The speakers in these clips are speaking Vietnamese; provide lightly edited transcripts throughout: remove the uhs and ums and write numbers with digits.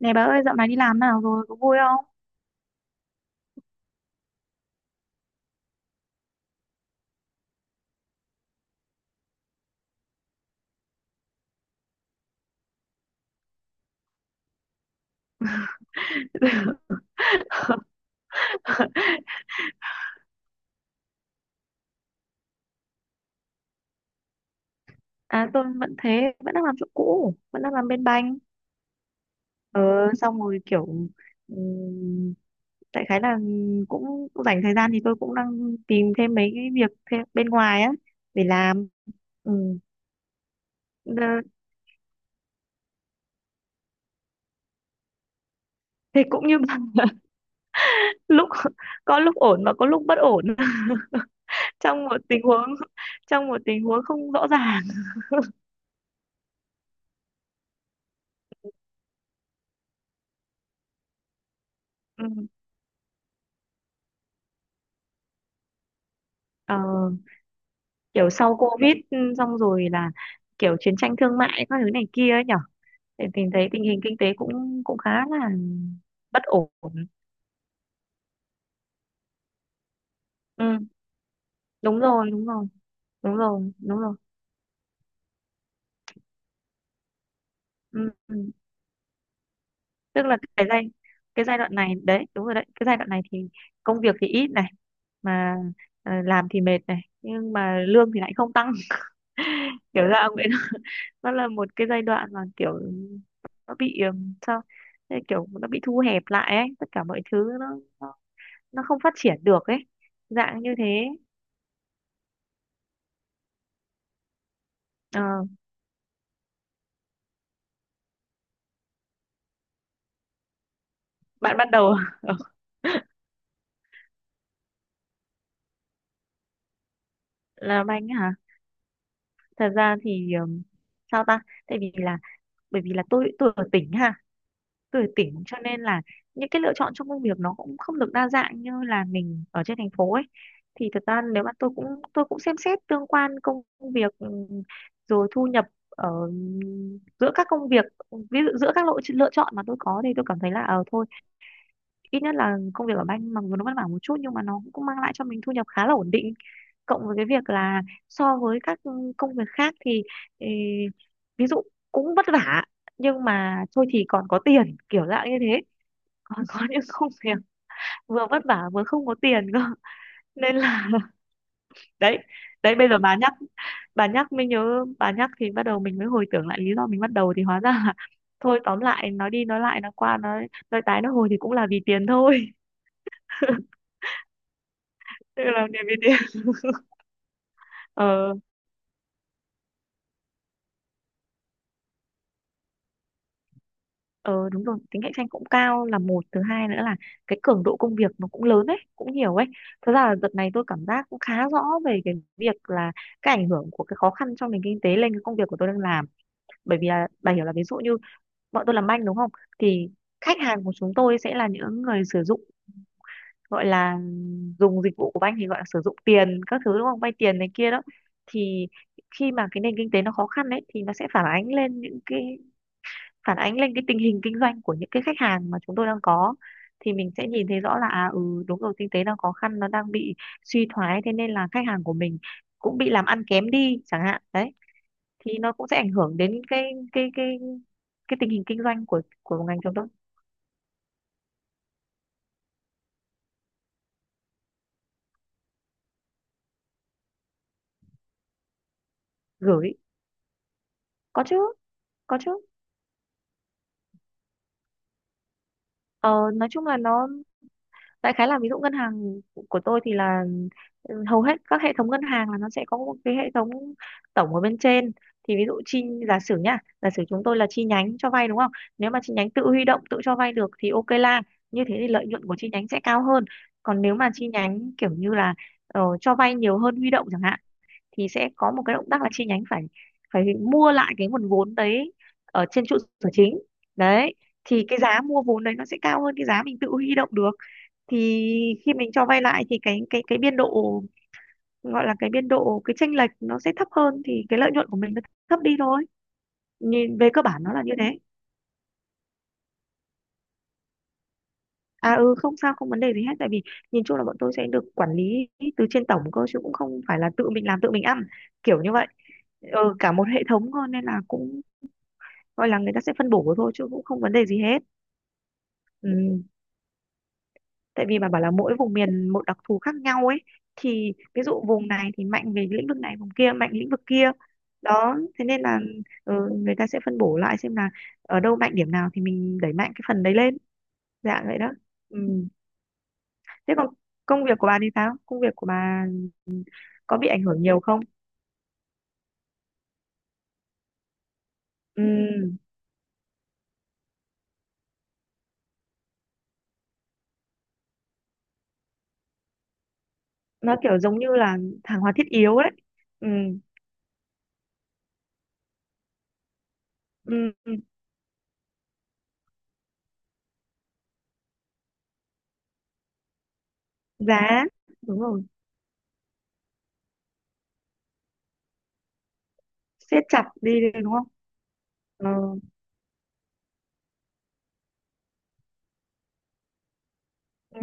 Này bà ơi, dạo này đi làm nào rồi, có vui không? À, tôi vẫn thế, vẫn đang làm chỗ cũ, vẫn đang làm bên banh. Ờ, xong rồi kiểu ừm, đại khái là cũng dành thời gian thì tôi cũng đang tìm thêm mấy cái việc thêm bên ngoài á để làm. Ừ. Ờ, thì cũng như bà lúc có lúc ổn và có lúc bất ổn. Trong một tình huống, không rõ ràng. Ừ, ờ, kiểu sau Covid, ừ, xong rồi là kiểu chiến tranh thương mại các thứ này kia ấy nhở. Thì mình thấy tình hình kinh tế cũng cũng khá là bất ổn. Ừ. Đúng rồi, đúng rồi. Đúng rồi, đúng rồi. Ừ. Ừ. Tức là cái giai đoạn này đấy, đúng rồi đấy, cái giai đoạn này thì công việc thì ít này, mà ờ, làm thì mệt này nhưng mà lương thì lại không tăng. Kiểu ra nó là một cái giai đoạn mà kiểu nó bị sao. Thế kiểu nó bị thu hẹp lại ấy, tất cả mọi thứ nó nó, nó không phát triển được ấy, dạng như thế. Ờ, bạn ban đầu. Là anh hả? Thật ra thì sao ta, tại vì là, bởi vì là tôi ở tỉnh ha, tuổi tỉnh cho nên là những cái lựa chọn trong công việc nó cũng không được đa dạng như là mình ở trên thành phố ấy. Thì thật ra nếu mà tôi cũng xem xét tương quan công việc, rồi thu nhập ở giữa các công việc, ví dụ giữa các lựa chọn mà tôi có, thì tôi cảm thấy là ờ thôi, ít nhất là công việc ở banh mặc dù nó vất vả một chút nhưng mà nó cũng mang lại cho mình thu nhập khá là ổn định. Cộng với cái việc là so với các công việc khác thì ê, ví dụ cũng vất vả nhưng mà thôi thì còn có tiền, kiểu dạng như thế. Ờ, có những công việc vừa vất vả vừa không có tiền cơ nên là đấy. Đấy bây giờ bà nhắc, mới nhớ, bà nhắc thì bắt đầu mình mới hồi tưởng lại lý do mình bắt đầu thì hóa ra là thôi tóm lại, nói đi nói lại, nói qua nói tái nói hồi thì cũng là vì tiền thôi. Tự làm việc vì tiền. Ờ, ờ đúng rồi, tính cạnh tranh cũng cao là một, thứ hai nữa là cái cường độ công việc nó cũng lớn ấy, cũng nhiều ấy. Thật ra là đợt này tôi cảm giác cũng khá rõ về cái việc là cái ảnh hưởng của cái khó khăn trong nền kinh tế lên cái công việc của tôi đang làm. Bởi vì là bà hiểu là ví dụ như bọn tôi làm banh đúng không, thì khách hàng của chúng tôi sẽ là những người sử dụng, gọi là dùng dịch vụ của banh, thì gọi là sử dụng tiền các thứ đúng không, vay tiền này kia đó. Thì khi mà cái nền kinh tế nó khó khăn đấy thì nó sẽ phản ánh lên những cái, phản ánh lên cái tình hình kinh doanh của những cái khách hàng mà chúng tôi đang có. Thì mình sẽ nhìn thấy rõ là à, ừ đúng rồi, kinh tế đang khó khăn, nó đang bị suy thoái, thế nên là khách hàng của mình cũng bị làm ăn kém đi chẳng hạn đấy. Thì nó cũng sẽ ảnh hưởng đến cái cái cái cái tình hình kinh doanh của ngành chúng tôi. Gửi, có chứ. Có chứ. Ờ, nói chung là nó đại khái là, ví dụ ngân hàng của tôi thì là ừ, hầu hết các hệ thống ngân hàng là nó sẽ có một cái hệ thống tổng ở bên trên. Thì ví dụ giả sử nhá, giả sử chúng tôi là chi nhánh cho vay đúng không, nếu mà chi nhánh tự huy động tự cho vay được thì ok, là như thế thì lợi nhuận của chi nhánh sẽ cao hơn. Còn nếu mà chi nhánh kiểu như là ờ, cho vay nhiều hơn huy động chẳng hạn, thì sẽ có một cái động tác là chi nhánh phải phải mua lại cái nguồn vốn đấy ở trên trụ sở chính đấy. Thì cái giá mua vốn đấy nó sẽ cao hơn cái giá mình tự huy động được. Thì khi mình cho vay lại thì cái biên độ, gọi là cái biên độ, cái chênh lệch nó sẽ thấp hơn, thì cái lợi nhuận của mình nó thấp đi thôi. Nhìn về cơ bản nó là như thế. À ừ, không sao, không vấn đề gì hết, tại vì nhìn chung là bọn tôi sẽ được quản lý từ trên tổng cơ, chứ cũng không phải là tự mình làm tự mình ăn kiểu như vậy. Ừ, cả một hệ thống cơ nên là cũng gọi là người ta sẽ phân bổ thôi chứ cũng không vấn đề gì hết. Ừ. Tại vì bà bảo là mỗi vùng miền một đặc thù khác nhau ấy, thì ví dụ vùng này thì mạnh về lĩnh vực này, vùng kia mạnh lĩnh vực kia. Đó thế nên là ừ, người ta sẽ phân bổ lại xem là ở đâu mạnh điểm nào thì mình đẩy mạnh cái phần đấy lên. Dạ vậy đó. Ừ. Thế còn công việc của bà thì sao, công việc của bà có bị ảnh hưởng nhiều không? Ừ. Nó kiểu giống như là hàng hóa thiết yếu đấy. Ừ. Ừ. Giá, đúng rồi, siết chặt đi đấy, đúng không. Ừ. Ừ.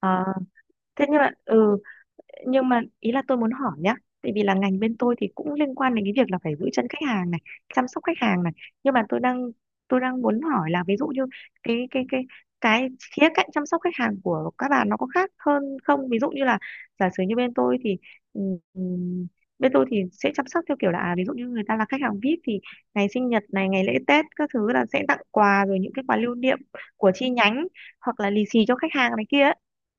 À, thế nhưng mà ừ, nhưng mà ý là tôi muốn hỏi nhá, tại vì là ngành bên tôi thì cũng liên quan đến cái việc là phải giữ chân khách hàng này, chăm sóc khách hàng này. Nhưng mà tôi đang muốn hỏi là ví dụ như cái cái cái cái khía cạnh chăm sóc khách hàng của các bạn nó có khác hơn không, ví dụ như là giả sử như bên tôi thì ừ, ừ, bên tôi thì sẽ chăm sóc theo kiểu là à, ví dụ như người ta là khách hàng VIP thì ngày sinh nhật này, ngày lễ Tết các thứ là sẽ tặng quà, rồi những cái quà lưu niệm của chi nhánh, hoặc là lì xì cho khách hàng này kia ấy.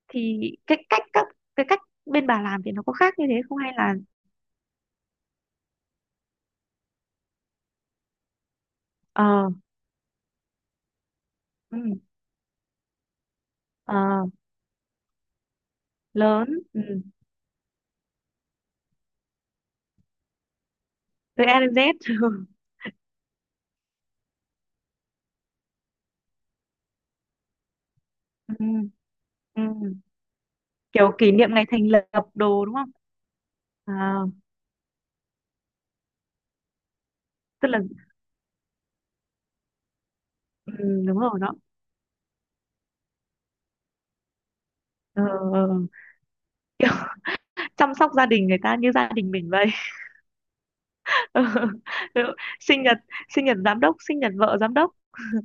Thì cái cách các cái cách bên bà làm thì nó có khác như thế không hay là ờ, ừ, ờ lớn, ừ, từ A đến Z. Ừ, ừ, kiểu kỷ niệm ngày thành lập đồ đúng không. À, tức là ừ, đúng rồi đó, ờ, ờ. Kiểu chăm sóc gia đình người ta như gia đình mình vậy. Ừ, sinh nhật giám đốc, sinh nhật vợ giám đốc.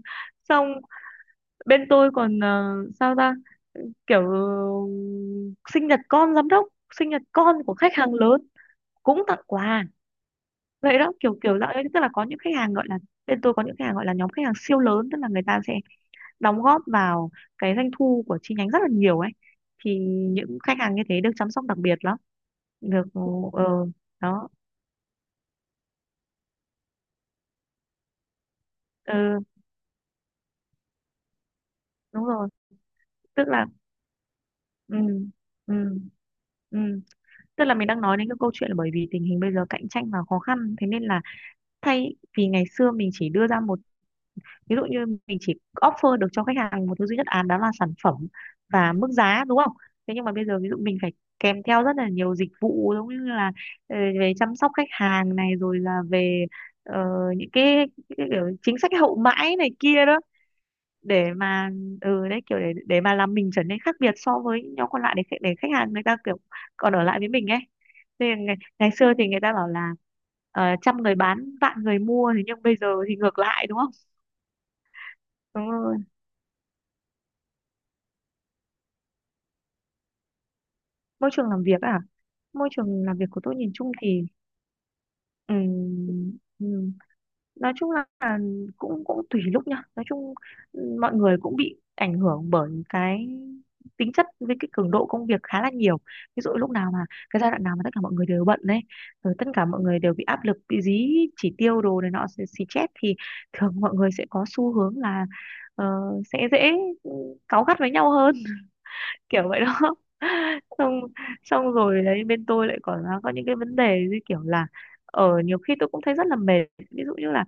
Xong bên tôi còn ờ, sao ta, kiểu sinh nhật con giám đốc, sinh nhật con của khách hàng lớn cũng tặng quà vậy đó, kiểu kiểu dạng ấy. Tức là có những khách hàng gọi là, bên tôi có những khách hàng gọi là nhóm khách hàng siêu lớn, tức là người ta sẽ đóng góp vào cái doanh thu của chi nhánh rất là nhiều ấy. Thì những khách hàng như thế được chăm sóc đặc biệt lắm, được ờ đó. Ừ, đúng rồi, tức là ừ, ừ, ừ. Tức là mình đang nói đến cái câu chuyện là bởi vì tình hình bây giờ cạnh tranh và khó khăn thế nên là thay vì ngày xưa mình chỉ đưa ra một, ví dụ như mình chỉ offer được cho khách hàng một thứ duy nhất án, đó là sản phẩm và mức giá đúng không. Thế nhưng mà bây giờ ví dụ mình phải kèm theo rất là nhiều dịch vụ, giống như là ờ, về chăm sóc khách hàng này, rồi là về ờ, những cái, cái kiểu chính sách hậu mãi này kia đó, để mà ừ đấy kiểu để mà làm mình trở nên khác biệt so với những nhóm còn lại, để để khách hàng người ta kiểu còn ở lại với mình ấy. Thế ngày xưa thì người ta bảo là ờ, trăm người bán vạn người mua, thế nhưng bây giờ thì ngược lại đúng không. Ừ, môi trường làm việc à, môi trường làm việc của tôi nhìn chung thì ừm, ừm, nói chung là cũng cũng tùy lúc nha. Nói chung mọi người cũng bị ảnh hưởng bởi cái tính chất với cái cường độ công việc khá là nhiều. Ví dụ lúc nào mà cái giai đoạn nào mà tất cả mọi người đều bận đấy, rồi tất cả mọi người đều bị áp lực, bị dí chỉ tiêu đồ này nọ xì xì chét thì thường mọi người sẽ có xu hướng là ờ, sẽ dễ ừ, cáu gắt với nhau hơn, kiểu vậy đó. xong xong rồi đấy, bên tôi lại còn có những cái vấn đề như kiểu là ở nhiều khi tôi cũng thấy rất là mệt, ví dụ như là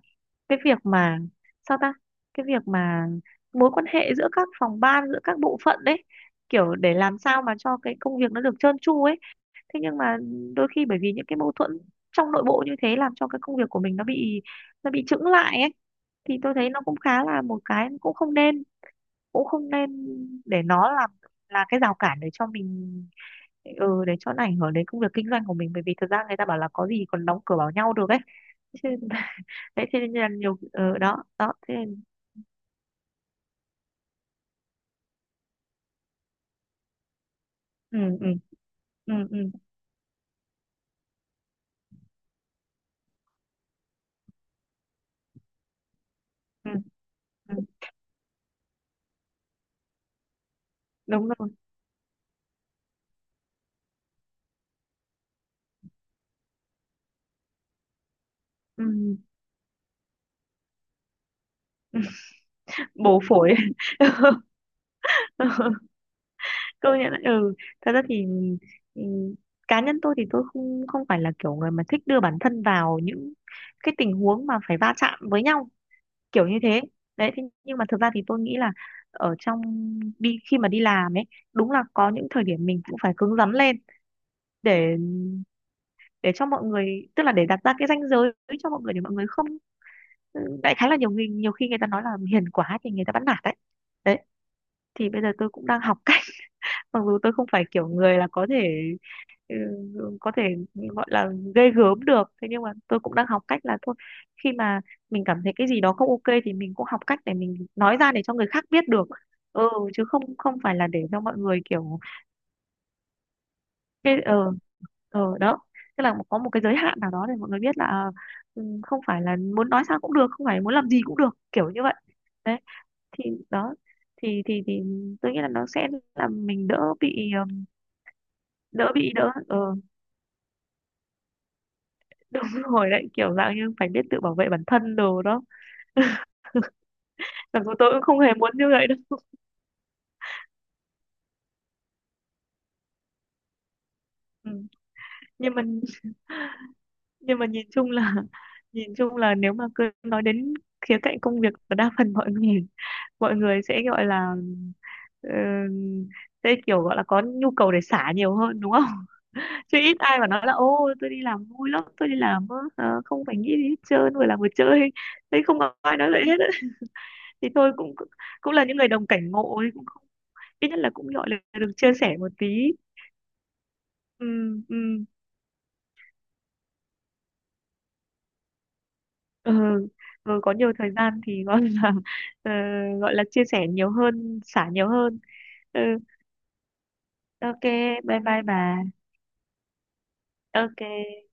cái việc mà sao ta, cái việc mà mối quan hệ giữa các phòng ban, giữa các bộ phận đấy, kiểu để làm sao mà cho cái công việc nó được trơn tru ấy. Thế nhưng mà đôi khi bởi vì những cái mâu thuẫn trong nội bộ như thế làm cho cái công việc của mình nó bị chững lại ấy. Thì tôi thấy nó cũng khá là một cái, cũng không nên, cũng không nên để nó làm là cái rào cản để cho mình, ừ, để cho nó ảnh hưởng đến công việc kinh doanh của mình. Bởi vì thực ra người ta bảo là có gì còn đóng cửa bảo nhau được ấy. Thế nên- đấy thế nên là nhiều, ừ, đó đó thế nên, ừ, ừ, ừ, ừ, ừ, ừ, đúng rồi. Ừ. Bổ phổi. Công nhận đấy, ừ. Thật ra thì, ừ, cá nhân tôi thì tôi không không phải là kiểu người mà thích đưa bản thân vào những cái tình huống mà phải va chạm với nhau, kiểu như thế đấy. Thế nhưng mà thực ra thì tôi nghĩ là ở trong đi khi mà đi làm ấy, đúng là có những thời điểm mình cũng phải cứng rắn lên, để để cho mọi người, tức là để đặt ra cái ranh giới cho mọi người, để mọi người không, ừ, đại khái là nhiều người nhiều khi người ta nói là hiền quá thì người ta bắt nạt đấy. Đấy, thì bây giờ tôi cũng đang học cách, mặc dù tôi không phải kiểu người là có thể, ừ, ừ, có thể gọi là ghê gớm được. Thế nhưng mà tôi cũng đang học cách là thôi, khi mà mình cảm thấy cái gì đó không ok thì mình cũng học cách để mình nói ra để cho người khác biết được. Ừ, chứ không không phải là để cho mọi người kiểu, cái ờ ờ đó tức là có một cái giới hạn nào đó để mọi người biết là à, ừ, không phải là muốn nói sao cũng được, không phải muốn làm gì cũng được, kiểu như vậy. Đấy, thì đó, thì tôi nghĩ là nó sẽ làm mình đỡ bị đỡ bị đỡ ờ Đúng rồi đấy, kiểu dạng như phải biết tự bảo vệ bản thân đồ đó. Mặc dù tôi cũng không hề muốn như vậy đâu. Ừ. Nhưng mà, nhưng mà nhìn chung là nhìn chung là nếu mà cứ nói đến khía cạnh công việc là đa phần mọi người mọi người sẽ gọi là ờ, sẽ kiểu gọi là có nhu cầu để xả nhiều hơn đúng không. Chứ ít ai mà nói là ô tôi đi làm vui lắm, tôi đi làm không phải nghĩ gì hết trơn, vừa làm vừa chơi. Thế không có ai nói vậy hết. Thì tôi cũng cũng là những người đồng cảnh ngộ ấy, cũng không, ít nhất là cũng gọi là được chia sẻ một tí. Ừ, ừ, ừ, ừ có nhiều thời gian thì gọi là ờ, gọi là chia sẻ nhiều hơn, xả nhiều hơn. Ừ, ok. Bye bye bà. Ok.